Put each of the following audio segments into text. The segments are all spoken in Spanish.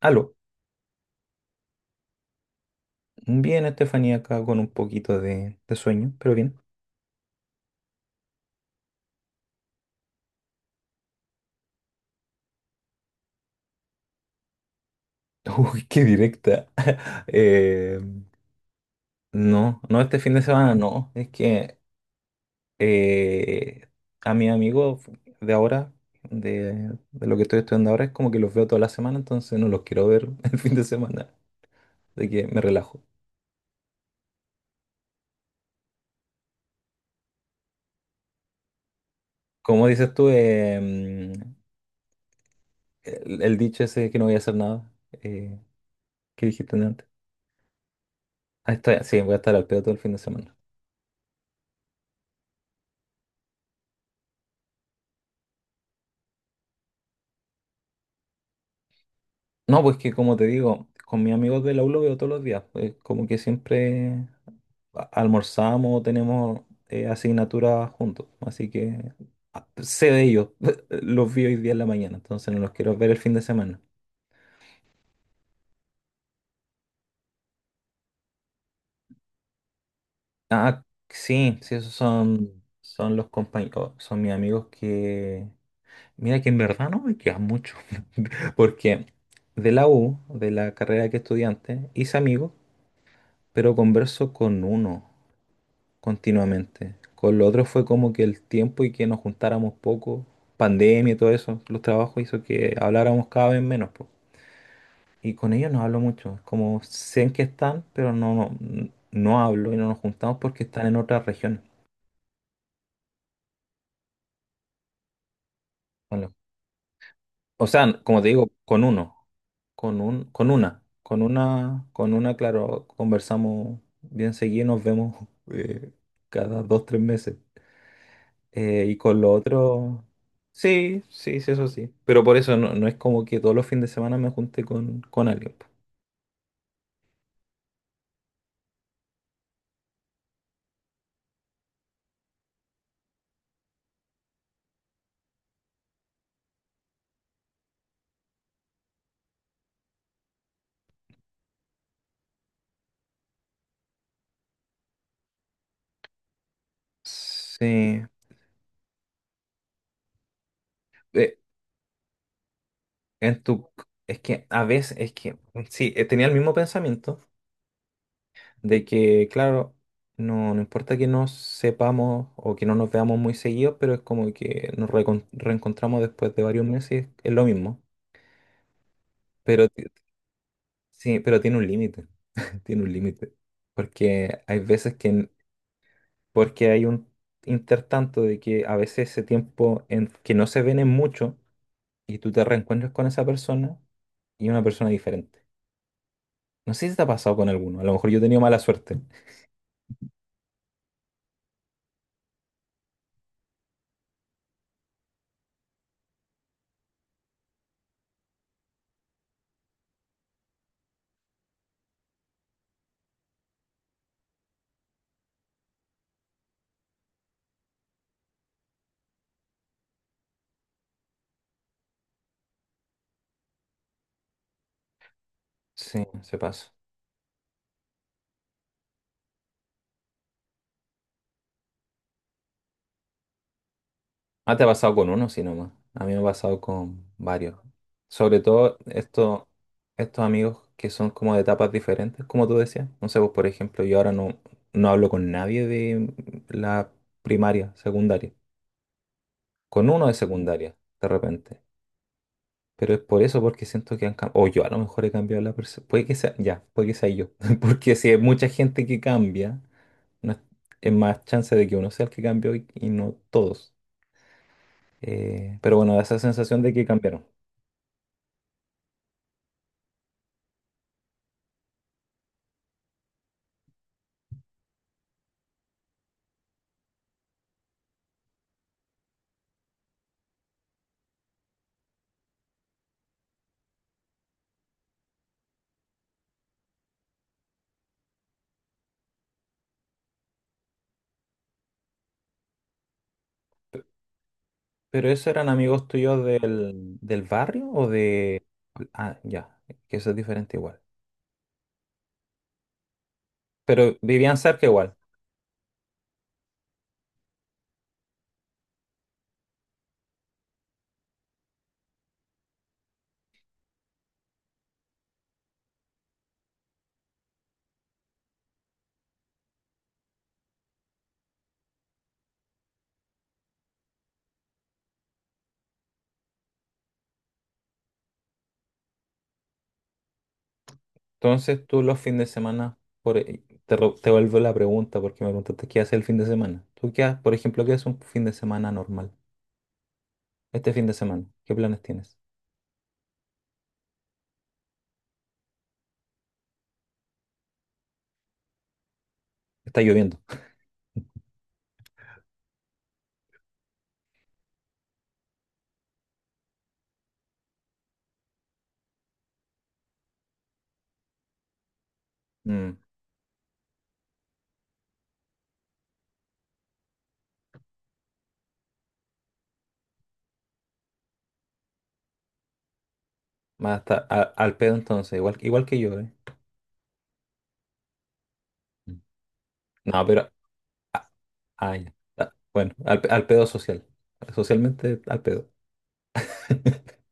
Aló, bien Estefanía acá con un poquito de sueño, pero bien. Uy, qué directa. Eh, no, no este fin de semana, no. Es que eh, a mis amigos de ahora, de lo que estoy estudiando ahora, es como que los veo toda la semana, entonces no los quiero ver el fin de semana. Así que me relajo. Como dices tú, el dicho ese de que no voy a hacer nada. eh, ¿Qué dijiste antes? Ah, sí, voy a estar al pedo todo el fin de semana. No, pues que como te digo, con mis amigos de la U lo veo todos los días, pues, como que siempre almorzamos, tenemos asignaturas juntos. Así que sé de ellos. Los vi hoy día en la mañana, entonces no los quiero ver el fin de semana. Ah, sí, sí, esos son, son los compañeros, son mis amigos que... Mira que en verdad no me quedan mucho. Porque de la U, de la carrera que estudiante, hice amigos, pero converso con uno continuamente. Con lo otro fue como que el tiempo y que nos juntáramos poco, pandemia y todo eso, los trabajos hizo que habláramos cada vez menos, po. Y con ellos no hablo mucho, es como sé en qué están, pero no hablo y no nos juntamos porque están en otras regiones. Con O sea, como te digo, con uno, con un, con una, con una, con una, claro, conversamos bien seguido, nos vemos eh, cada dos, tres meses. Y con lo otro, sí, sí, sí, eso sí. Pero por eso no es como que todos los fines de semana me junte con alguien, po. Sí, eh, en tu, es que a veces, sí, tenía el mismo pensamiento de que, claro, no importa que nos sepamos o que no nos veamos muy seguidos, pero es como que nos reencontramos después de varios meses, es lo mismo. Pero ti- sí, pero tiene un límite. Tiene un límite. Porque hay veces que Porque hay un intertanto de que a veces ese tiempo en que no se ven en mucho y tú te reencuentras con esa persona y una persona diferente. No sé si te ha pasado con alguno, a lo mejor yo he tenido mala suerte. Sí, se pasa. Ah, te ha pasado con uno, sí, nomás. A mí me ha pasado con varios. Sobre todo estos amigos que son como de etapas diferentes, como tú decías. No sé, pues, por ejemplo, yo ahora no hablo con nadie de la primaria, secundaria. Con uno de secundaria, de repente. Pero es por eso, porque siento que han cambiado. O yo a lo mejor he cambiado la persona. Puede que sea, ya, puede que sea yo. Porque si hay mucha gente que cambia, no es, es más chance de que uno sea el que cambió y no todos. Pero bueno, da esa sensación de que cambiaron. ¿Pero esos eran amigos tuyos del barrio o de...? Ah, ya, que eso es diferente igual. Pero vivían cerca igual. Entonces tú los fines de semana, te vuelvo la pregunta porque me preguntaste qué haces el fin de semana. ¿Tú qué haces, por ejemplo, qué haces un fin de semana normal? Este fin de semana, ¿qué planes tienes? Está lloviendo. Mm, Más hasta al pedo entonces, igual, igual que yo, ¿eh? Mm. No, pero... Ah, ya. Ah, bueno, al pedo social. Socialmente al pedo.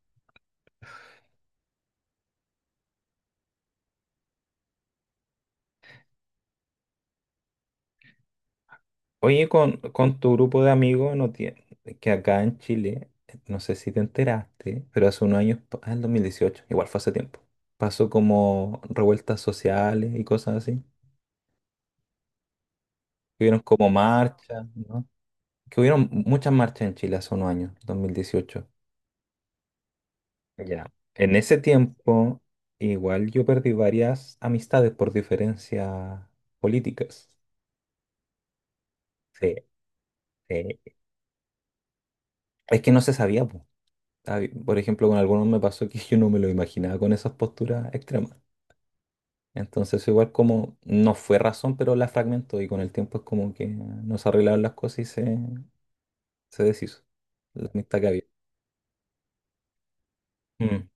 Oye, con tu grupo de amigos, no tiene, que acá en Chile, no sé si te enteraste, pero hace unos años, el 2018, igual fue hace tiempo, pasó como revueltas sociales y cosas así. Que hubieron como marchas, ¿no? Que hubieron muchas marchas en Chile hace unos años, 2018. Ya. En ese tiempo, igual yo perdí varias amistades por diferencias políticas. Sí, sí. Es que no se sabía, po. Por ejemplo, con algunos me pasó que yo no me lo imaginaba con esas posturas extremas. Entonces, igual como no fue razón, pero la fragmentó y con el tiempo es como que nos arreglaron las cosas y se deshizo la amistad que había. Mm.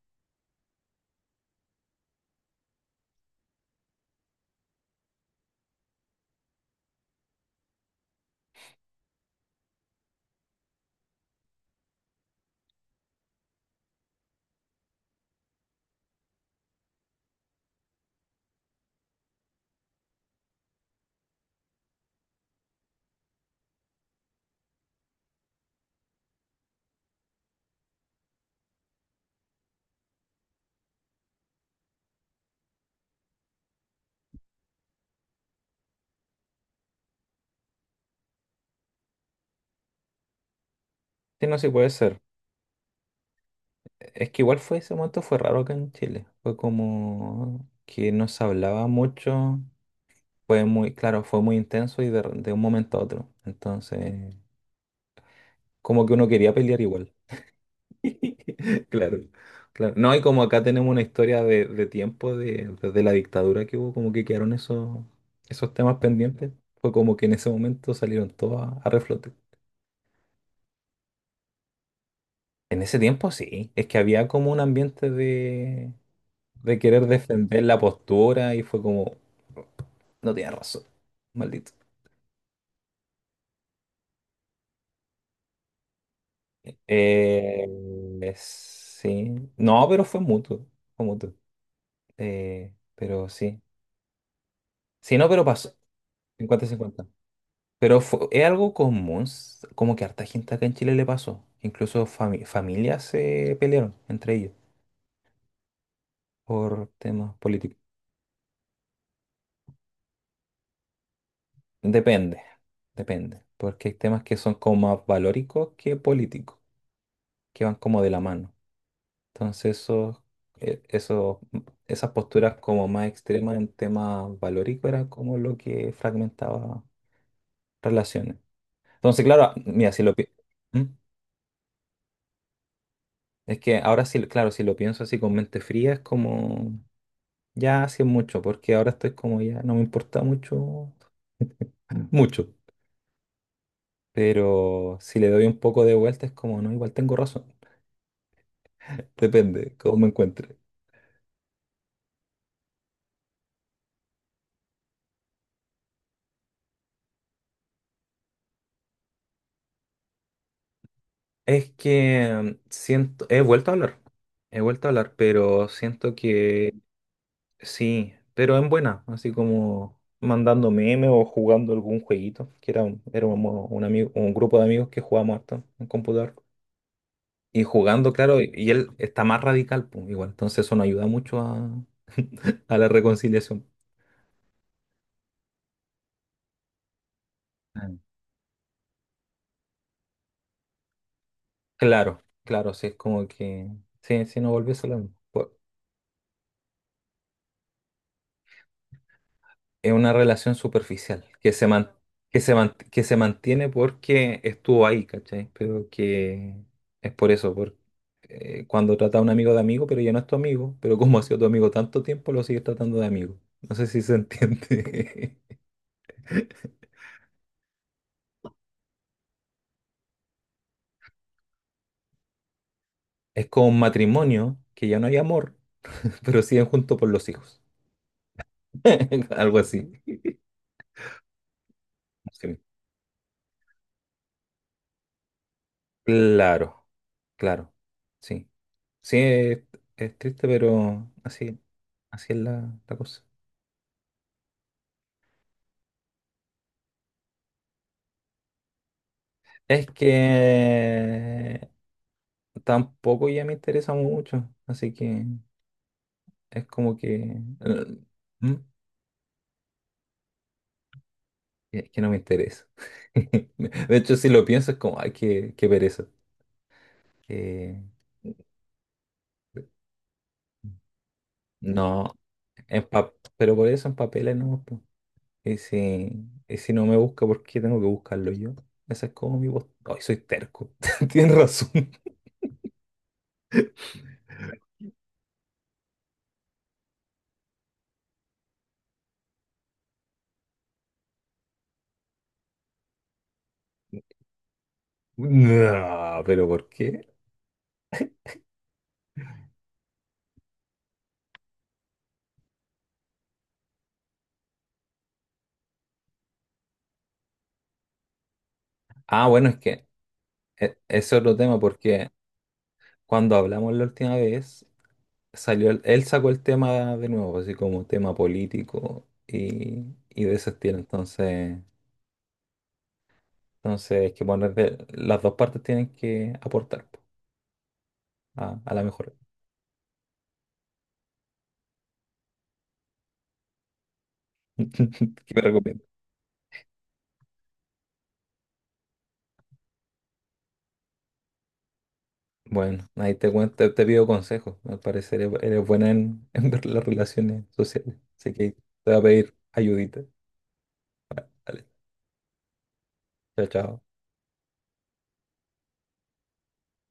Sí, no, sí puede ser. Es que igual fue ese momento, fue raro acá en Chile. Fue como que no se hablaba mucho. Claro, fue muy intenso y de un momento a otro. Entonces, como que uno quería pelear igual. Claro, claro. No, y como acá tenemos una historia de tiempo, desde la dictadura que hubo, como que quedaron esos temas pendientes. Fue como que en ese momento salieron todos a reflote. En ese tiempo sí, es que había como un ambiente de querer defender la postura y fue como, no tiene razón, maldito. Eh, sí. No, pero fue mutuo. Fue mutuo. Pero sí. Sí, no, pero pasó. 50-50. Pero fue, es algo común. Como que harta gente acá en Chile le pasó. Incluso familias se pelearon entre ellos por temas políticos. Depende. Depende. Porque hay temas que son como más valóricos que políticos. Que van como de la mano. Entonces, e- eso- esas posturas como más extremas en tema valórico era como lo que fragmentaba relaciones. Entonces, claro, mira, si lo pi- ¿Mm? Es que ahora sí, claro, si lo pienso así con mente fría, es como ya hace mucho, porque ahora estoy como ya, no me importa mucho, mucho. Pero si le doy un poco de vuelta, es como, no, igual tengo razón. Depende cómo me encuentre. Es que siento, he vuelto a hablar, pero siento que sí, pero en buena, así como mandando memes o jugando algún jueguito, éramos un grupo de amigos que jugábamos harto en computador. Y jugando, claro, y él está más radical, pues, igual, entonces eso no ayuda mucho a la reconciliación. Mm. Claro, claro, sí, es como que, sí, sí, no volvés a lo mismo. Es una relación superficial, que se mantiene porque estuvo ahí, ¿cachai? Pero que es por eso, cuando trata a un amigo de amigo, pero ya no es tu amigo, pero como ha sido tu amigo tanto tiempo, lo sigues tratando de amigo. No sé si se entiende. Es como un matrimonio, que ya no hay amor, pero siguen juntos por los hijos. Algo así. Sí. Claro, claro. Sí. Sí, es triste, pero así, así es la cosa. Es que tampoco ya me interesa mucho, así que es como que. eh, ¿Mm? Es que no me interesa. De hecho, si lo pienso es como, ay, qué, qué pereza. Que no, pero por eso en papeles no, po. Y si no me busca, ¿por qué tengo que buscarlo yo? Esa es como mi voz. Ay, soy terco. Tienes razón. No, pero ¿por qué? Ah, bueno, es que es otro tema porque cuando hablamos la última vez, salió él sacó el tema de nuevo, así como tema político y de ese estilo. Entonces hay que poner las dos partes tienen que aportar po, a la mejora. ¿Qué me recomiendo? Bueno, ahí te cuento, te pido consejos. Al parecer eres buena en ver las relaciones sociales. Así que te voy a pedir ayudita. Vale, chao, chao.